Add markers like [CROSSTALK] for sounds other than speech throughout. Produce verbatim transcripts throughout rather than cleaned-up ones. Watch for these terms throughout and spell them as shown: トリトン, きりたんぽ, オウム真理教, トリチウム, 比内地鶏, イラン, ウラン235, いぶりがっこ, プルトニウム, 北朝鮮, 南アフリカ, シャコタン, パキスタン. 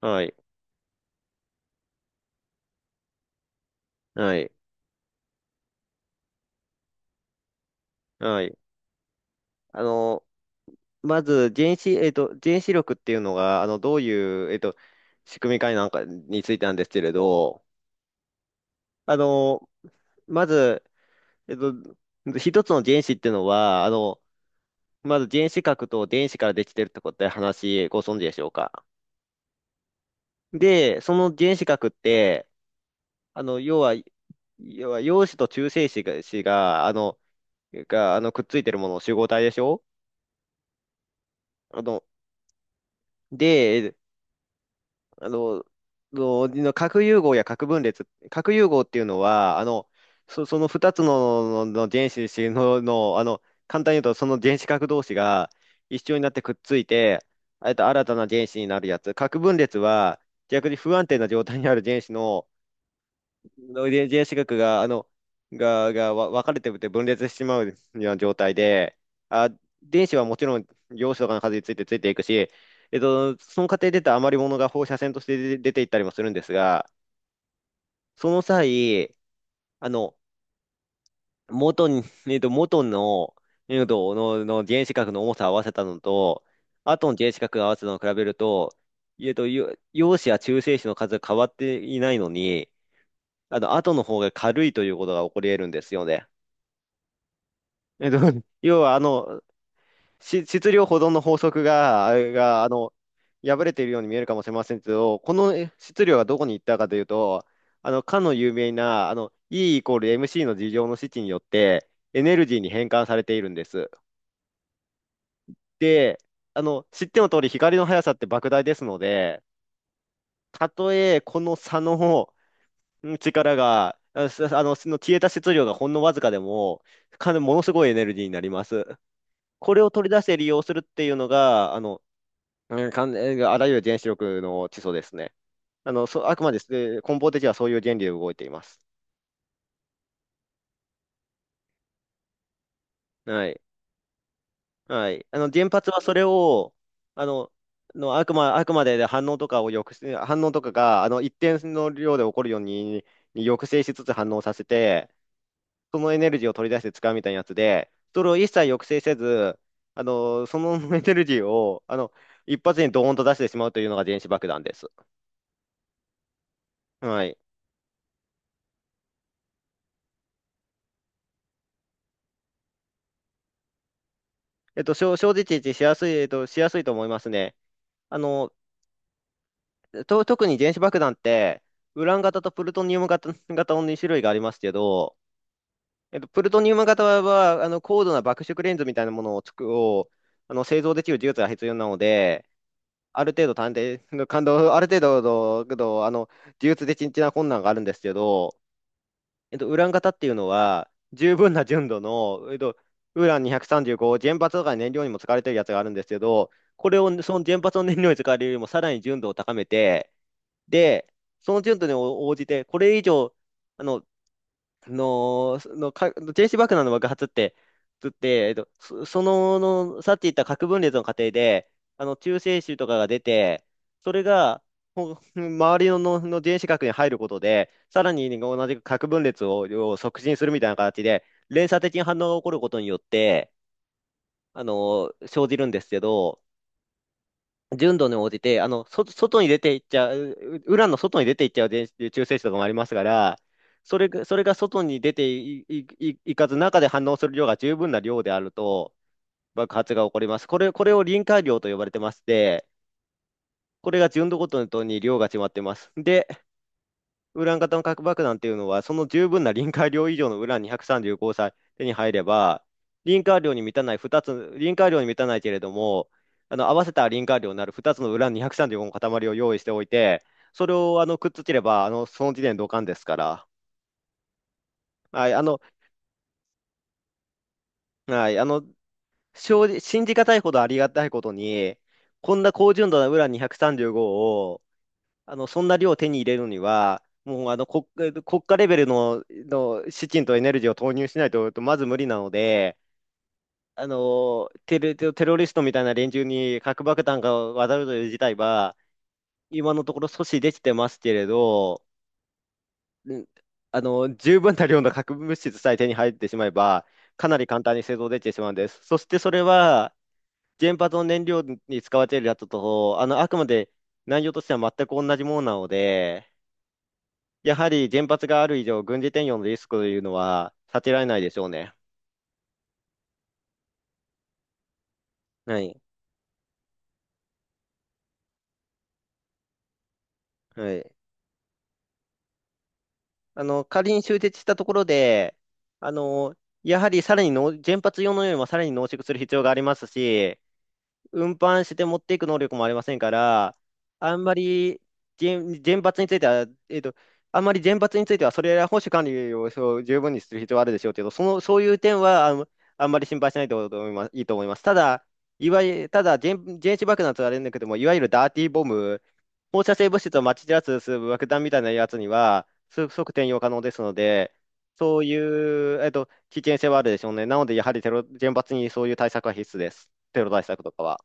はい。はい。はい。あの、まず、原子、えっと、原子力っていうのが、あの、どういう、えっと、仕組みかなんかについてなんですけれど、あの、まず、えっと、一つの原子っていうのは、あの、まず原子核と電子からできてるってことで話、ご存知でしょうか。で、その原子核って、あの、要は、要は陽子と中性子が、子が、あの、が、あの、くっついてるもの、集合体でしょ。あの、で、あの、のの核融合や核分裂、核融合っていうのは、あの、そ、そのふたつの、の、の原子の、の、あの、簡単に言うと、その原子核同士が一緒になってくっついて、えっと、新たな原子になるやつ。核分裂は、逆に不安定な状態にある原子のの遺伝子学が、あの、が、が、わ分かれてて分裂してしまうような状態で、あ、電子はもちろん陽子とかの数についてついていくし、えっと、その過程で出た余り物が放射線として出出ていったりもするんですが、その際、あの、元に、えっと、元の、えっと、の、の原子核の重さを合わせたのと、後の原子核を合わせたのを比べると、えっと、よ陽子や中性子の数が変わっていないのに、あの、後の方が軽いということが起こり得るんですよね。えっと、[LAUGHS] 要は、あの、し質量保存の法則が、あが、あの、破れているように見えるかもしれませんけど、このえ質量がどこに行ったかというと、あの、かの有名な、あの、E イコール エムシー の事情の式によって、エネルギーに変換されているんです。で、あの、知っての通り、光の速さって莫大ですので、たとえこの差のうん力が、あすあの、その消えた質量がほんのわずかでも、かものすごいエネルギーになります。これを取り出して利用するっていうのが、あの、うん、かん、あらゆる原子力の基礎ですね。あの、そ、あくまで、えー根本的にはそういう原理で動いています。はい。はい。あの、原発はそれを、あの、のあくま、あくまで反応とかを抑制、反応とかが、あの、一定の量で起こるように、に抑制しつつ反応させて、そのエネルギーを取り出して使うみたいなやつで、それを一切抑制せず、あの、そのエネルギーを、あの、一発にドーンと出してしまうというのが電子爆弾です。はい。えっと、正正直言しやすい、えっと、しやすいと思いますね。あの、と、特に原子爆弾って、ウラン型とプルトニウム型、型のに種類がありますけど、えっと、プルトニウム型は、あの、高度な爆縮レンズみたいなものを作、を、あの、製造できる技術が必要なので、ある程度探偵、感動、ある程度の、あの、技術的な困難があるんですけど、えっと、ウラン型っていうのは、十分な純度の、えっと、ウランにひゃくさんじゅうご、原発とか燃料にも使われてるやつがあるんですけど、これを、その原発の燃料に使われるよりもさらに純度を高めて、で、その純度に応じて、これ以上、あの、の、のか、原子爆弾の爆発って、つって、えっと、そ、その、の、さっき言った核分裂の過程で、あの、中性子とかが出て、それが、ほ周りの、の、の原子核に入ることで、さらに同じく核分裂を、を促進するみたいな形で、連鎖的に反応が起こることによって、あの、生じるんですけど、純度に応じて、あの、そ、外に出ていっちゃう、うウランの外に出ていっちゃう電子中性子とかもありますから、それが、それが外に出てい、い、いいかず中で反応する量が十分な量であると爆発が起こります。これ、これを臨界量と呼ばれてまして、これが純度ごとに量が決まってます。で、ウラン型の核爆弾っていうのは、その十分な臨界量以上のウランにひゃくさんじゅうごさんじゅうごを手に入れば、臨界量に満たない2つ、臨界量に満たないけれども、あの合わせた臨界量になるふたつのウランにひゃくさんじゅうごの塊を用意しておいて、それをあのくっつければ、あのその時点でドカンですから。はい、あの、はい、あの、正直信じがたいほどありがたいことに、こんな高純度なウランにひゃくさんじゅうごをあの、そんな量を手に入れるには、もうあの国、国家レベルの、の資金とエネルギーを投入しないと、まず無理なので、あのテレ、テロリストみたいな連中に核爆弾が渡るという事態は、今のところ阻止できてますけれど、うんあの十分な量の核物質さえ手に入ってしまえば、かなり簡単に製造できてしまうんです。そしてそれは、原発の燃料に使われているやつと、あのあくまで内容としては全く同じものなので、やはり原発がある以上、軍事転用のリスクというのは避けられないでしょうね。はい。はい。あの、仮に終結したところで、あの、やはりさらにの原発用のよりもさらに濃縮する必要がありますし、運搬して持っていく能力もありませんから、あんまり原、原発については、えっと、あんまり原発については、それら保守管理をそう十分にする必要はあるでしょうけど、その、そういう点はあん、あんまり心配しないと思います、いいと思います。ただ、いわゆる、ただ原、原子爆弾とはあれんだけども、いわゆるダーティーボム、放射性物質をまき散らす爆弾みたいなやつには、す即転用可能ですので、そういう、えっと、危険性はあるでしょうね。なので、やはりテロ、原発にそういう対策は必須です。テロ対策とかは。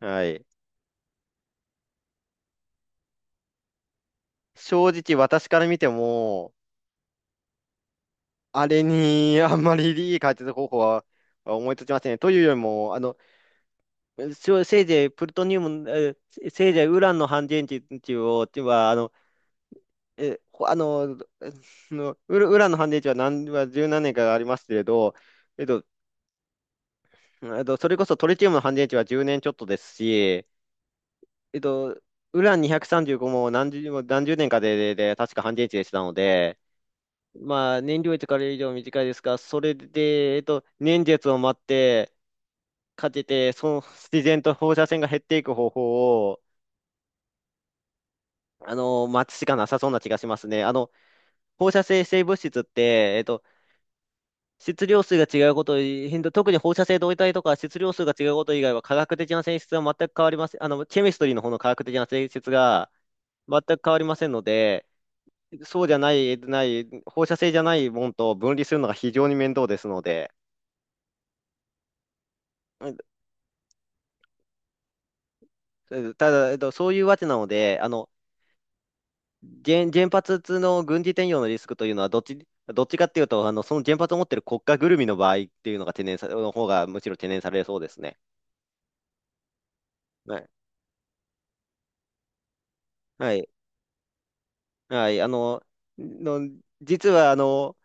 はい。正直私から見ても、あれに [LAUGHS] あんまりいい解決方法は思いつきませんね。というよりも、あの、しょせいぜいプルトニウム、えせせいぜいウランの半電池を、ては、あの、え、ほあの、えのウラウランの半電池は何、は十何年かありますけれど、えっと、えっと、それこそトリチウムの半電池はじゅうねんちょっとですし、えっと、ウランにひゃくさんじゅうごも何十、何十年かで、で、で確か半電池でしたので、まあ、燃料位とから以上短いですが、それで、えっと、年月を待って、かけて、その自然と放射線が減っていく方法を、あの、待つしかなさそうな気がしますね。あの、放射性性物質って、えっと、質量数が違うこと変動特に放射性同位体とか質量数が違うこと以外は科学的な性質は全く変わりません。あの、ケミストリーの方の科学的な性質が全く変わりませんので、そうじゃない、ない、放射性じゃないもんと分離するのが非常に面倒ですので、うんただ、えっと、そういうわけなので、あの、原、原発の軍事転用のリスクというのは、どっち、どっちかっていうと、あの、その原発を持っている国家ぐるみの場合っていうのが懸念さ、の方がむしろ懸念されそうですね。はい。はい。はい。あの、の、実は、あの、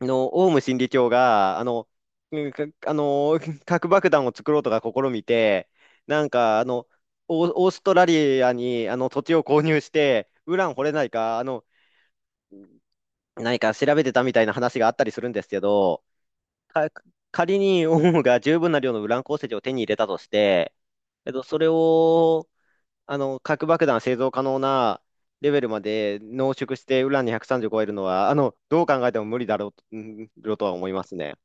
の、オウム真理教が、あの、うんかあの、[LAUGHS] 核爆弾を作ろうとか試みて、なんか、あの、オーオーストラリアに、あの、土地を購入して、ウラン掘れないか、あの、何か調べてたみたいな話があったりするんですけど、か仮にオウムが十分な量のウラン鉱石を手に入れたとして、えっと、それを、あの、核爆弾製造可能なレベルまで濃縮してウランにひゃくさんじゅう超えるのは、あの、どう考えても無理だろう、うんとは思いますね。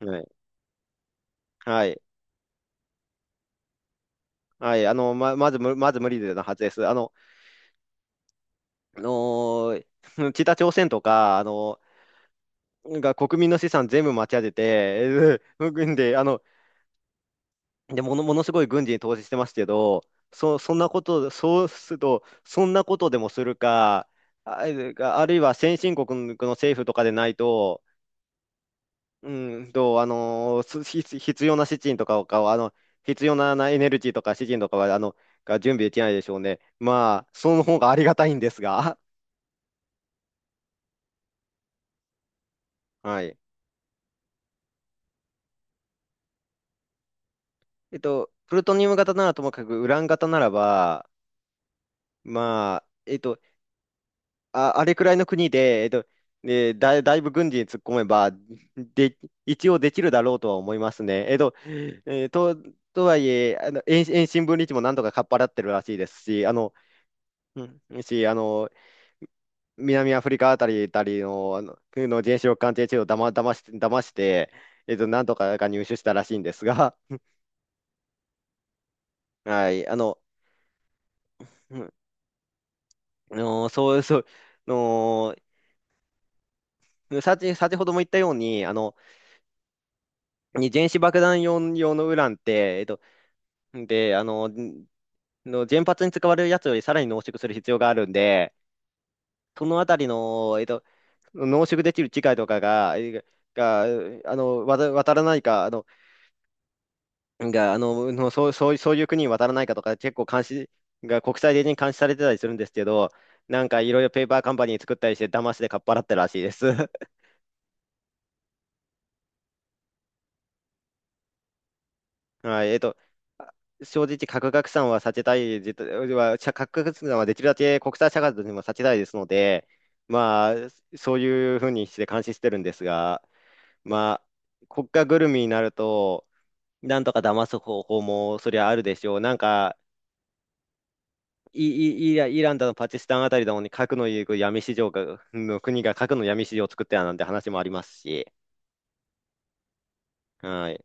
はい。はい。はい。あの、ま、まず無、まず無理なはずです。あの、あのー [LAUGHS] 北朝鮮とか、あの、が国民の資産全部持ち上げて、えーうんで、あの、で、もの、ものすごい軍事に投資してますけど、そ、そんなこと、そうすると、そんなことでもするか、あ、あるいは先進国の政府とかでないと、うんと、あの、す必必要な資金とかを、あの、必要な、なエネルギーとか資金とかは、あの、が準備できないでしょうね。まあ、その方がありがたいんですが、[LAUGHS] はい。えっと、プルトニウム型ならともかく、ウラン型ならば、まあ、えっと、あ、あれくらいの国で、えっと、ねだ、だいぶ軍事に突っ込めば、で、一応できるだろうとは思いますね。えっと、えーと、とはいえ、あの、遠遠心分離地もなんとかかっぱらってるらしいですし、あの、うんし、あの、南アフリカあたり、たりの、あの、の原子力鑑定地をだま、だまして、騙して、えっと、なんとかが入手したらしいんですが、[LAUGHS] はい、あの、うんあのそう、そう、あの、さち、先ほども言ったように、あの、に原子爆弾用用のウランって、えっと、で、あの、んの原発に使われるやつよりさらに濃縮する必要があるんで、そのあたりの、えっと、濃縮できる機械とかが、えが、あの、わた渡らないか、あの、が、あの、のそう、そう、そういう国に渡らないかとか、結構監視、が国際的に監視されてたりするんですけど、なんかいろいろペーパーカンパニー作ったりして、騙してかっぱらってるらしいです。はい、えっと、あ正直、核拡散は避けたい、絶対は、しゃ核拡散はできるだけ国際社会としても避けたいですので、まあ、そういうふうにして監視してるんですが、まあ、国家ぐるみになると、なんとか騙す方法もそりゃあるでしょう。なんか、イ、イ、イライランだのパキスタンあたりだのに核の闇市場が、の国が核の闇市場を作ってたなんて話もありますし、はい。